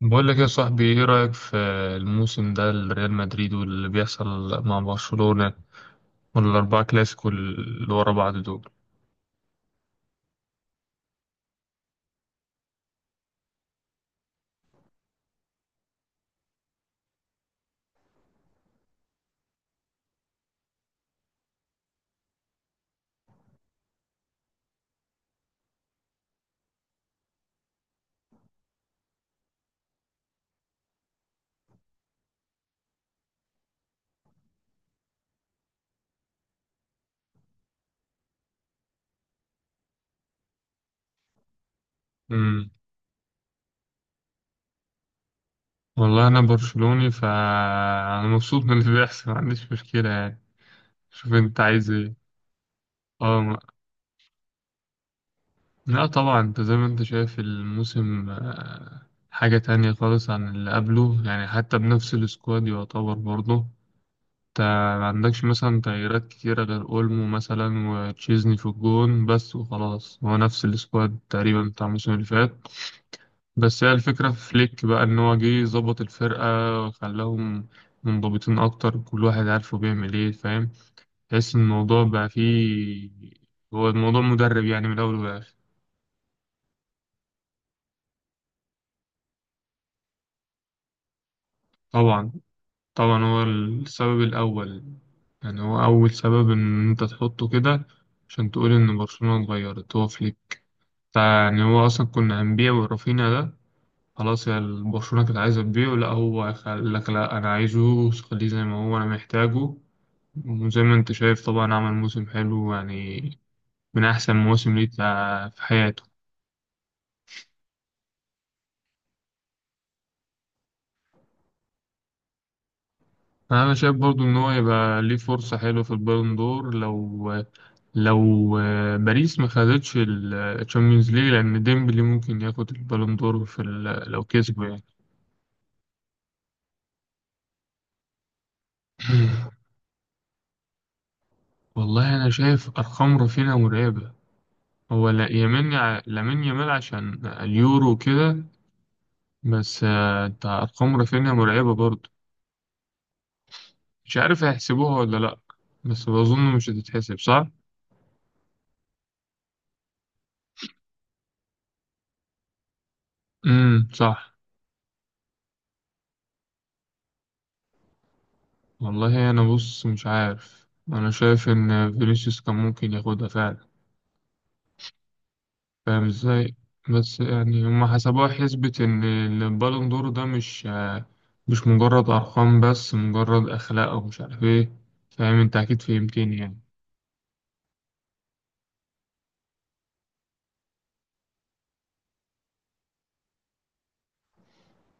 بقول لك يا صاحبي، ايه رأيك في الموسم ده لريال مدريد واللي بيحصل مع برشلونة والأربعة كلاسيكو اللي ورا بعض دول؟ امم والله انا برشلوني فانا مبسوط من اللي بيحصل، ما عنديش مشكلة يعني. شوف انت عايز ايه. اه ما- لا طبعا، انت زي ما انت شايف الموسم حاجة تانية خالص عن اللي قبله، يعني حتى بنفس السكواد يعتبر برضه. انت ما عندكش مثلا تغييرات كتيرة غير اولمو مثلا وتشيزني في الجون بس، وخلاص هو نفس السكواد تقريبا بتاع الموسم اللي فات. بس هي الفكرة في فليك بقى، ان هو جه ظبط الفرقة وخلاهم منضبطين اكتر، كل واحد عارفه بيعمل ايه، فاهم؟ تحس ان الموضوع بقى فيه. هو الموضوع مدرب يعني، من الاول والاخر. طبعا. طبعا هو السبب الاول. يعني هو اول سبب ان انت تحطه كده عشان تقول ان برشلونة اتغيرت، هو فليك. فيعني هو أصلا كنا هنبيع ورافينا ده، خلاص يا برشلونة كانت عايزة تبيعه. لأ، هو قال لك لأ أنا عايزه، خليه زي ما هو أنا محتاجه. وزي ما أنت شايف طبعا عمل موسم حلو، يعني من أحسن مواسم ليه في حياته. أنا شايف برضو إن هو يبقى ليه فرصة حلوة في البالون دور، لو باريس ما خدتش الشامبيونز ليج، لأن ديمبلي ممكن ياخد البالون دور في لو كسبه يعني. والله أنا شايف أرقام رافينيا مرعبة. هو لا يمين لامين يامال عشان اليورو كده، بس انت ارقام رافينيا مرعبه برضه. مش عارف هيحسبوها ولا لا، بس بظن مش هتتحسب، صح. صح. والله انا بص مش عارف، انا شايف ان فينيسيوس كان ممكن ياخدها فعلا، فاهم ازاي؟ بس يعني هما حسبوها حسبة، ان البالون دور ده مش مجرد ارقام بس، مجرد اخلاق ومش عارف ايه، فاهم؟ انت اكيد فهمتني يعني.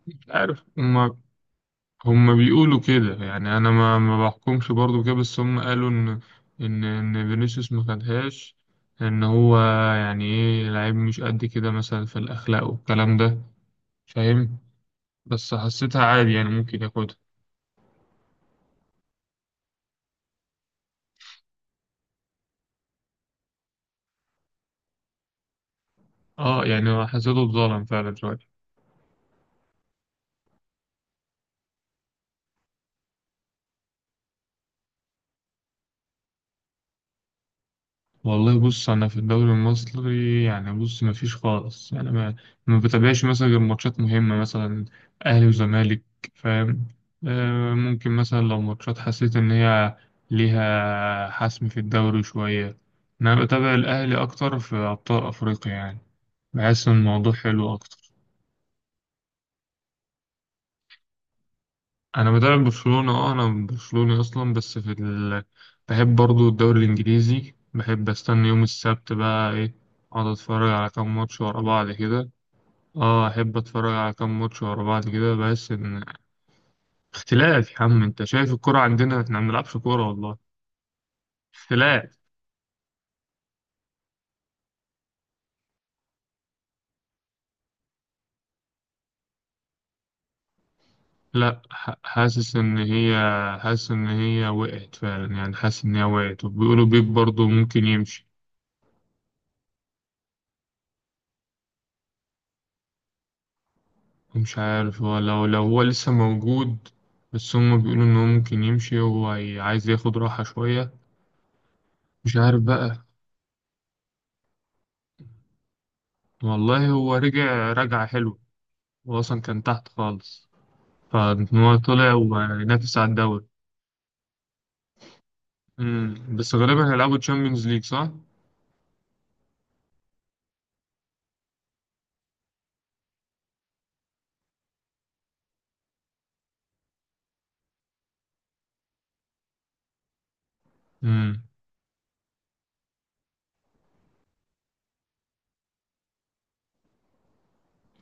مش عارف هما، هم بيقولوا كده، يعني انا ما بحكمش برضو كده، بس هم قالوا ان ان فينيسيوس ما خدهاش، ان هو يعني ايه لعيب مش قد كده مثلا في الاخلاق والكلام ده، فاهم؟ بس حسيتها عادي يعني، ممكن ياخدها. اه يعني حسيته اتظلم فعلا شوية. والله بص، انا في الدوري المصري يعني بص ما فيش خالص، يعني ما بتابعش مثلا غير ماتشات مهمه مثلا، اهلي وزمالك، فاهم؟ آه ممكن مثلا لو ماتشات حسيت ان هي ليها حسم في الدوري شويه. انا بتابع الاهلي اكتر في ابطال افريقيا يعني، بحس ان الموضوع حلو اكتر. انا بتابع برشلونه، اه انا برشلوني اصلا، بس في بحب برضو الدوري الانجليزي، بحب استنى يوم السبت بقى ايه، اقعد اتفرج على كام ماتش ورا بعض كده. اه احب اتفرج على كام ماتش ورا بعض كده، بس ان اختلاف يا عم، انت شايف الكرة عندنا احنا ما بنلعبش كورة والله، اختلاف. لا ح- حاسس ان هي، حاسس ان هي وقعت فعلا، يعني حاسس ان هي وقعت، وبيقولوا بيب برضه ممكن يمشي. مش عارف، هو لو هو لسه موجود، بس هم بيقولوا ان هو ممكن يمشي، عايز ياخد راحة شوية، مش عارف بقى. والله هو رجع رجعة حلوة، هو اصلا كان تحت خالص، فان هو طلع وينافس على الدوري. امم، بس غالبا هيلعبوا تشامبيونز ليج، صح؟ امم،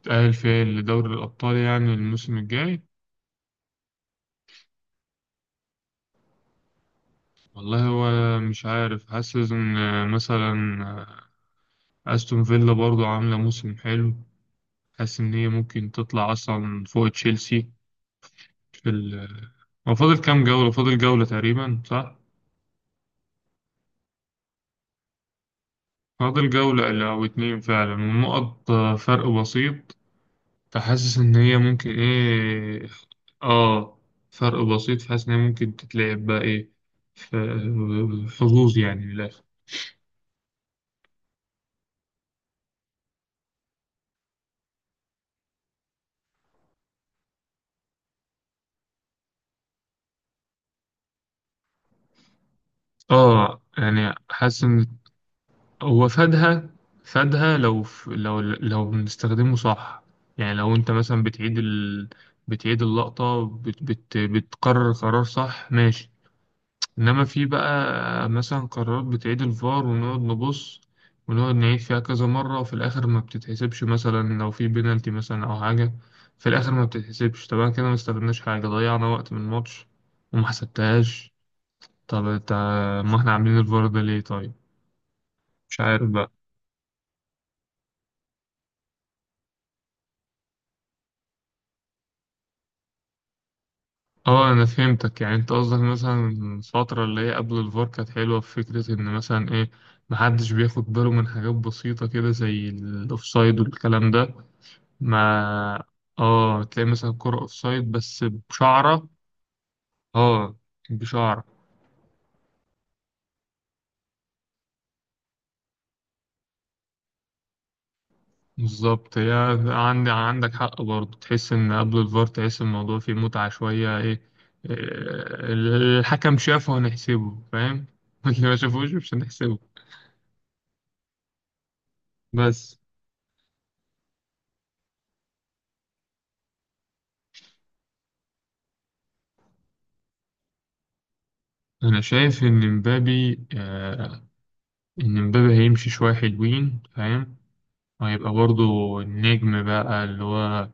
تأهل فيها لدوري الأبطال يعني الموسم الجاي. والله هو مش عارف، حاسس إن مثلا أستون فيلا برضو عاملة موسم حلو، حاسس إن هي ممكن تطلع أصلا فوق تشيلسي في هو فاضل كام جولة؟ فاضل جولة تقريبا، صح؟ فاضل جولة أو اتنين فعلا، والنقط فرق بسيط، فحاسس إن هي ممكن إيه، آه فرق بسيط، فحاسس إن هي ممكن تتلعب بقى إيه، ف- حظوظ يعني من الآخر. آه يعني حاسس إن هو فادها، فادها لو بنستخدمه صح، يعني لو أنت مثلا بتعيد بتعيد اللقطة، بتقرر قرار صح، ماشي. انما في بقى مثلا قرارات بتعيد الفار ونقعد نبص، ونقعد نعيد فيها كذا مرة، وفي الاخر ما بتتحسبش، مثلا لو في بينالتي مثلا او حاجة في الاخر ما بتتحسبش طبعا، كده ما استفدناش حاجة، ضيعنا وقت من الماتش وما حسبتهاش. طب انت، ما احنا عاملين الفار ده ليه طيب؟ مش عارف بقى. اه انا فهمتك، يعني انت قصدك مثلا الفترة اللي هي قبل الفار كانت حلوة في فكرة ان مثلا ايه، محدش بياخد باله من حاجات بسيطة كده زي الأوفسايد والكلام ده. ما اه تلاقي مثلا كرة اوفسايد بس بشعرة، اه بشعرة بالظبط، هي عندي عندك حق برضه، تحس ان قبل الفار تحس الموضوع فيه متعة شوية ايه، آه، الحكم شافه هنحسبه، فاهم؟ اللي ما شافوش مش هنحسبه. بس انا شايف ان مبابي، آه ان مبابي هيمشي شوية حلوين، فاهم؟ وهيبقى برضو النجم بقى اللي هو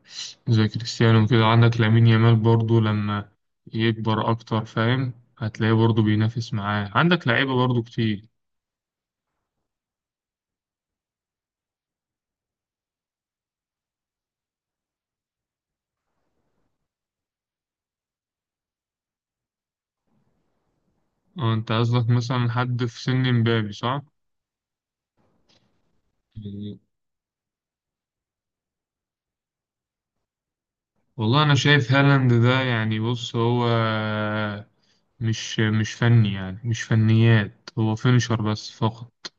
زي كريستيانو كده، عندك لامين يامال برضو لما يكبر أكتر، فاهم؟ هتلاقيه برضو بينافس معاه، عندك لعيبة برضو كتير. اه انت قصدك مثلا حد في سن مبابي، صح؟ يعني والله أنا شايف هالاند ده يعني بص، هو مش فني، يعني مش فنيات، هو فينشر بس فقط.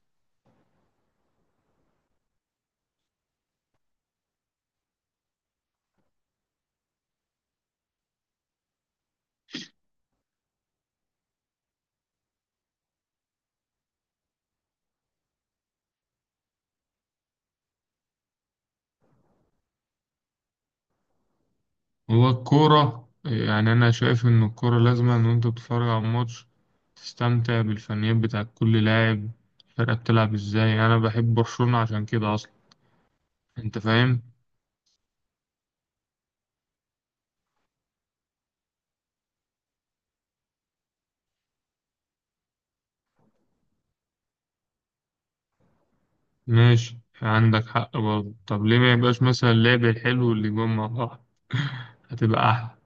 هو الكورة يعني أنا شايف إن الكورة لازم إن أنت بتتفرج على الماتش، تستمتع بالفنيات بتاع كل لاعب، الفرقة بتلعب إزاي. أنا بحب برشلونة عشان كده أصلا. أنت فاهم؟ ماشي عندك حق برضه، طب ليه ما يبقاش مثلا اللعب الحلو اللي جوه مع بعض، هتبقى أحلى.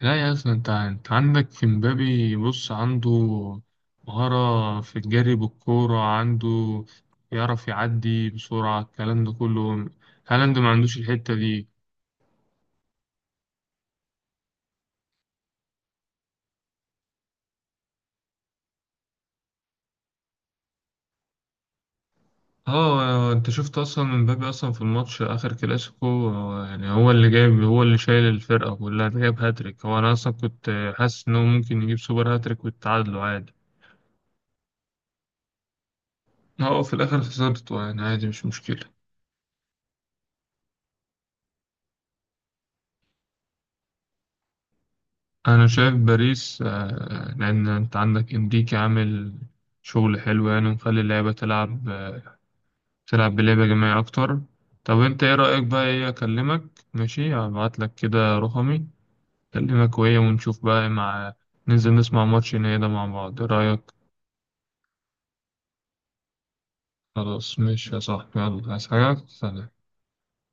لا يا أصلا، أنت أنت عندك في مبابي بص، عنده مهارة في الجري بالكورة، عنده يعرف يعدي بسرعة الكلام ده كله، هالاند ما عندوش الحتة دي. اه انت شفت اصلا مبابي اصلا في الماتش اخر كلاسيكو، يعني هو اللي جايب، هو اللي شايل الفرقه كلها، ده جايب هاتريك، هو انا اصلا كنت حاسس انه ممكن يجيب سوبر هاتريك ويتعادلوا عادي. اه، هو في الاخر خسرته يعني عادي مش مشكله. انا شايف باريس، لان انت عندك انريكي عامل شغل حلو يعني، ومخلي اللعيبه تلعب، تلعب بلعبه جماعيه اكتر. طب انت ايه رايك بقى، ايه اكلمك، ماشي هبعت لك كده رقمي، أكلمك وهي ونشوف بقى مع، ننزل نسمع ماتش النهائي ده مع بعض، إيه رأيك؟ خلاص ماشي يا صاحبي، يلا عايز حاجة؟ سلام.